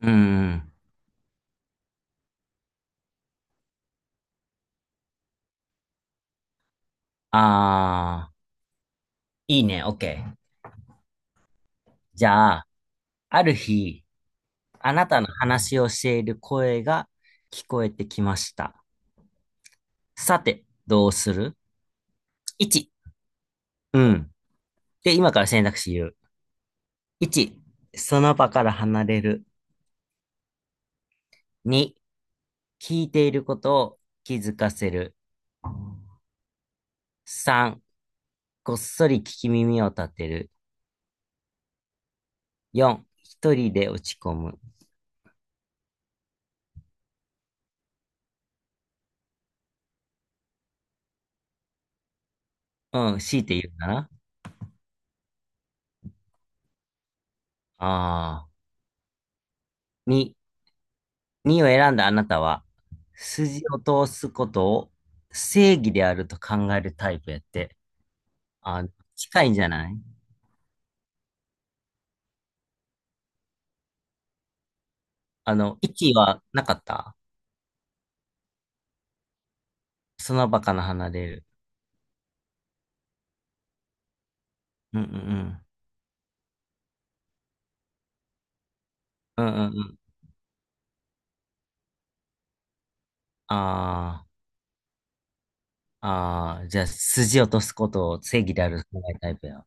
うん。ああ、いいね、オッケー。じゃあ、ある日、あなたの話をしている声が聞こえてきました。さて、どうする？ 1、うん。で、今から選択肢言う。1、その場から離れる。2、聞いていることを気づかせる。3、こっそり聞き耳を立てる。4、一人で落ち込む。うん、強いて言うかな。ああ、2、2を選んだあなたは、筋を通すことを正義であると考えるタイプやって。あ、近いんじゃない？1はなかった？その場から離れる。うんうんうん。うんうんうん。ああ、ああ、じゃあ、筋を通すことを正義であると考えるタイプや。い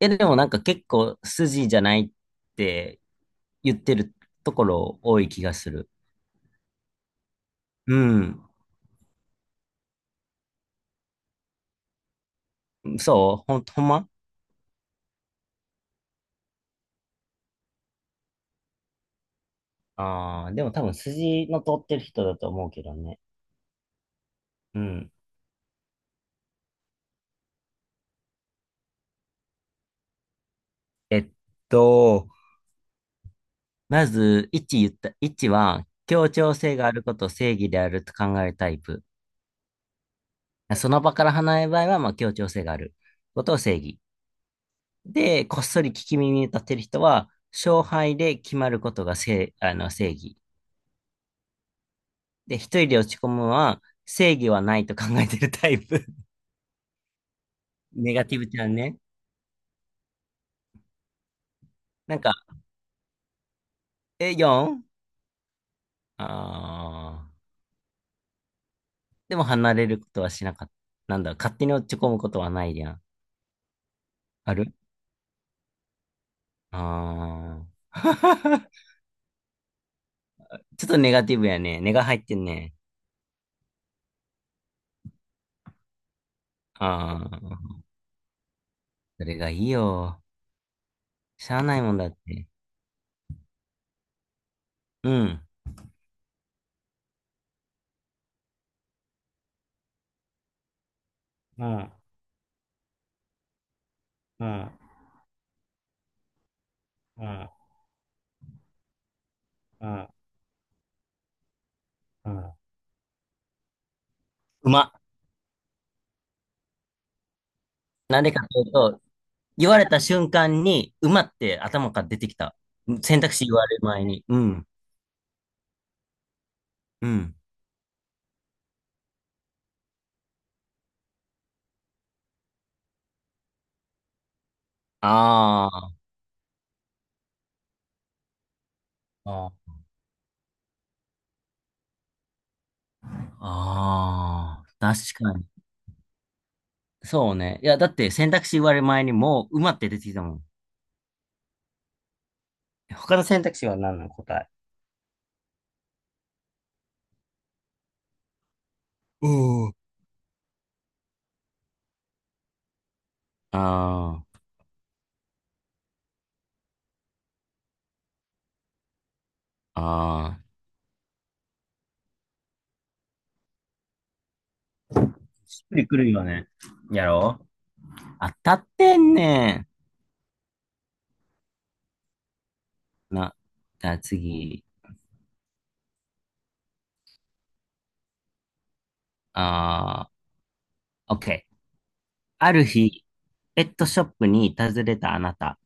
や、でもなんか結構筋じゃないって言ってるところ多い気がする。うん。そうほんま。ああー、でも多分筋の通ってる人だと思うけどね。うん。えっと、まず、1言った。1は、協調性があることを正義であると考えるタイプ。その場から離れる場合は、まあ、協調性があることを正義。で、こっそり聞き耳に立てる人は、勝敗で決まることが正、あの、正義。で、一人で落ち込むのは、正義はないと考えてるタイプ。ネガティブちゃんね。なんか、え、4？ あー。でも離れることはしなかった。なんだ、勝手に落ち込むことはないやん。ある、ああ。ちょっとネガティブやね。ネが入ってんね。ああ。それがいいよ。しゃあないもんだって。うん。うん、うん、うん、うん。馬。なんでかというと、言われた瞬間に、馬って頭から出てきた。選択肢言われる前に。うん。うん。ああ。ああ、ああ、確かに。そうね。いや、だって選択肢言われる前にもう馬って出てきたもん。他の選択肢は何なの、答え？うんー。ああ。ああ、しっくりくるよね。やろう、当たってんねん。な、じゃあ次。ああ、OK。ある日、ペットショップに訪れたあなた。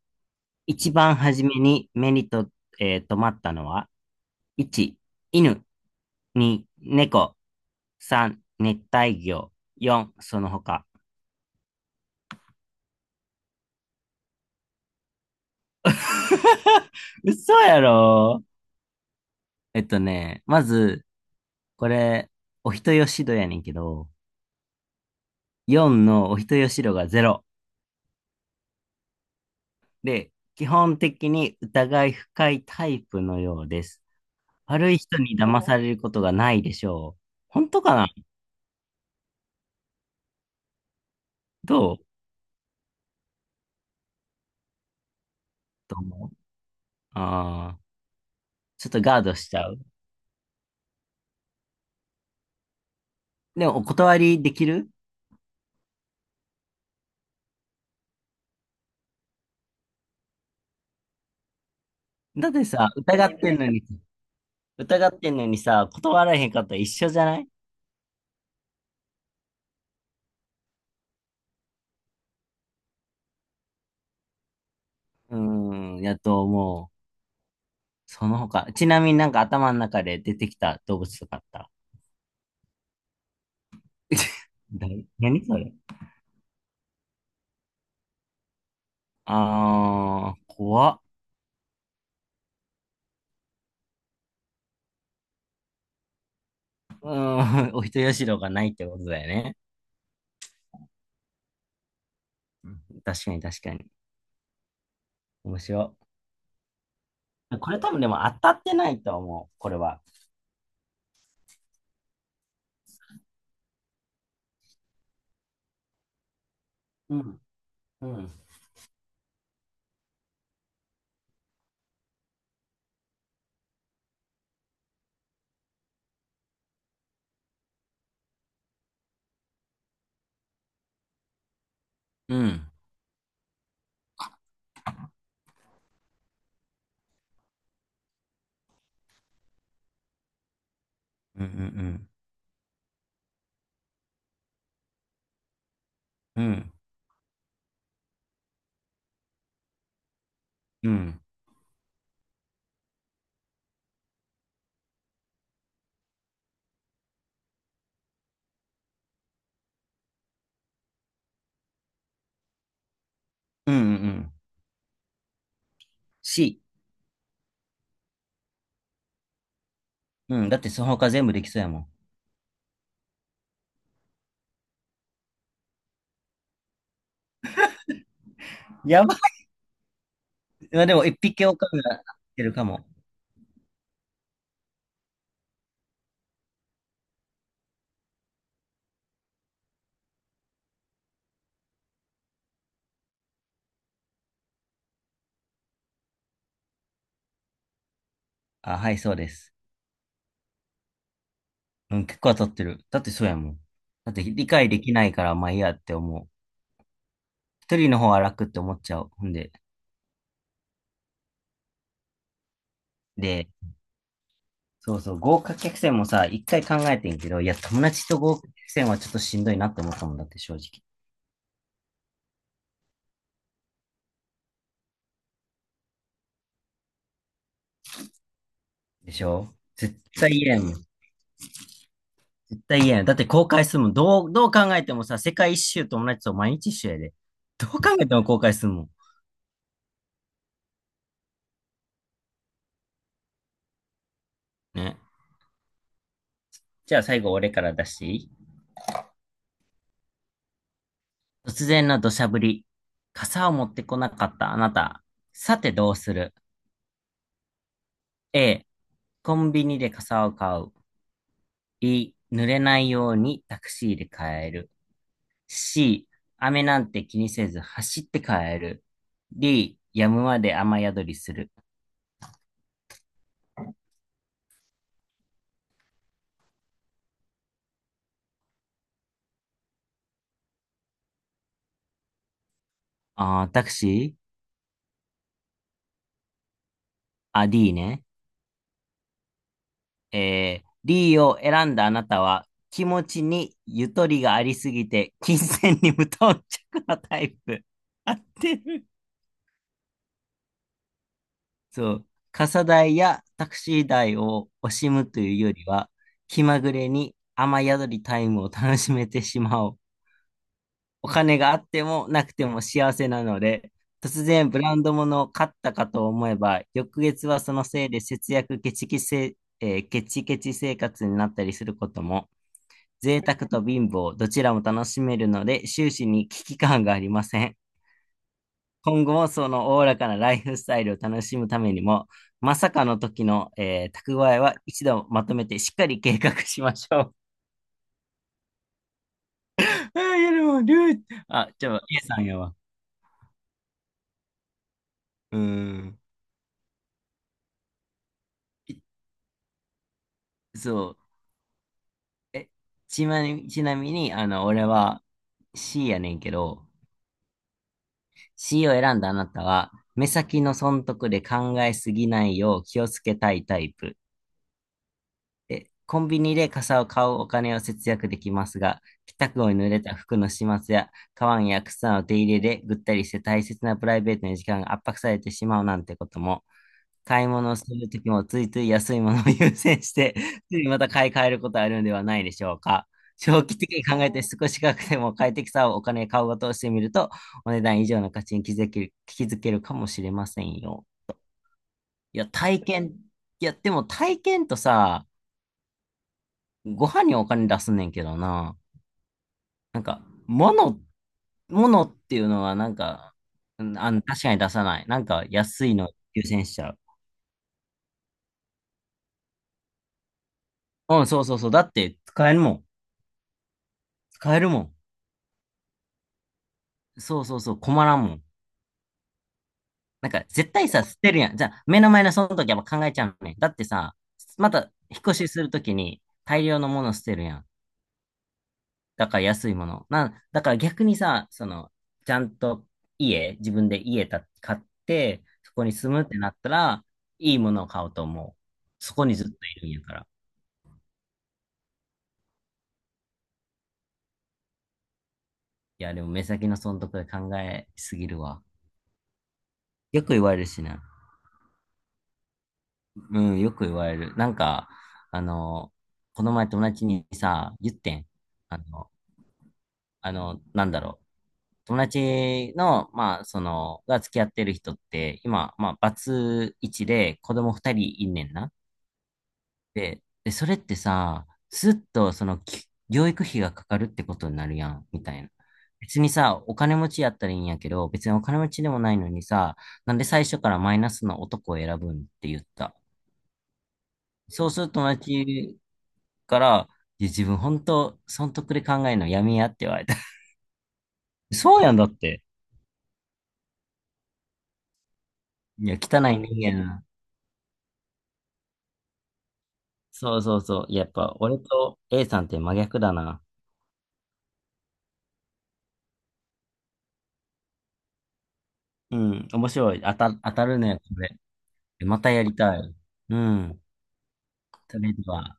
一番初めに目にと、えー、留まったのは、1、犬、2、猫、3、熱帯魚、4、その他。嘘やろ？まず、これ、お人よしどやねんけど、4のお人よしろが0で、基本的に疑い深いタイプのようです。悪い人に騙されることがないでしょう。本当かな？どう？と思う。ああ、ちょっとガードしちゃう。でも、お断りできる？だってさ、疑ってんのに、疑ってんのにさ、断られへんかったら一緒じゃない？うーん、やと思う。その他。ちなみになんか頭の中で出てきた動物とかあった？ 何それ？あー、怖っ。うーん、お人よしろがないってことだよね。確かに確かに。面白い。これ多分でも当たってないと思う、これは。うん。うん。うん。うんうんうん。うん。うんうんうん。C。うん。だってその他全部できそうやもん。やばい。まあでも一匹狼が合ってるかも。あ、はい、そうです。うん、結構当たってる。だってそうやもん。だって理解できないからまあいいやって思う。一人の方は楽って思っちゃう。ほんで。で、そうそう、豪華客船もさ、一回考えてんけど、いや、友達と豪華客船はちょっとしんどいなって思ったもんだって、正直。でしょ？絶対嫌やもん。絶対嫌やん。だって公開するもん。どう考えてもさ、世界一周友達と毎日一緒やで。どう考えても公開するもん。ね。じゃあ最後俺から出していい？突然の土砂降り。傘を持ってこなかったあなた。さてどうする？ A、コンビニで傘を買う。B、濡れないようにタクシーで帰る。C、雨なんて気にせず走って帰る。D、やむまで雨宿りする。あー、タクシー、あ、D ね。D を選んだあなたは気持ちにゆとりがありすぎて金銭に無頓着なタイプ。合ってる。そう。傘代やタクシー代を惜しむというよりは気まぐれに雨宿りタイムを楽しめてしまおう。お金があってもなくても幸せなので、突然ブランド物を買ったかと思えば、翌月はそのせいで節約ケチケチせ、えーケチケチ生活になったりすることも、贅沢と貧乏、どちらも楽しめるので、終始に危機感がありません。今後もそのおおらかなライフスタイルを楽しむためにも、まさかの時の、蓄えは一度まとめてしっかり計画しましょう。あー、いやでも、あ、じゃあ、A さんやわ。うーん。そう。え、ちなみに、あの、俺は C やねんけど、C を選んだあなたは、目先の損得で考えすぎないよう気をつけたいタイプ。え、コンビニで傘を買うお金を節約できますが、帰宅後に濡れた服の始末や、カバンや靴の手入れでぐったりして大切なプライベートの時間が圧迫されてしまうなんてことも、買い物をするときもついつい安いものを 優先して、ついまた買い替えることあるんではないでしょうか。長期的に考えて少し高くても快適さをお金買うことをしてみると、お値段以上の価値に気づけるかもしれませんよ。いや、でも体験とさ、ご飯にお金出すねんけどな。なんか、物、物っていうのはなんか、うん、確かに出さない。なんか安いの優先しちゃう。うん、そうそうそう。だって使えるもん。使えるもん。そうそうそう、困らんもん。なんか、絶対さ、捨てるやん。じゃあ、目の前のその時はやっぱ考えちゃうね。だってさ、また、引っ越しするときに大量のもの捨てるやん。だから安いもの。なんだから逆にさ、その、ちゃんと自分で家た買って、そこに住むってなったら、いいものを買おうと思う。そこにずっといるんやから。いや、でも目先の損得で考えすぎるわ。よく言われるしな。うん、よく言われる。なんか、あの、この前友達にさ、言ってん。あの、なんだろう。友達の、まあ、その、が付き合ってる人って、今、まあ、バツイチで子供二人いんねんな。で、それってさ、ずっと、その、教育費がかかるってことになるやん、みたいな。別にさ、お金持ちやったらいいんやけど、別にお金持ちでもないのにさ、なんで最初からマイナスの男を選ぶんって言った。そうすると友達から、いや、自分本当、損得で考えるのやめやって言われた。そうやんだって。いや、汚い人間やな。そうそうそう。やっぱ、俺と A さんって真逆だな。うん、面白い。当たるね、これ。またやりたい。うん。それでは。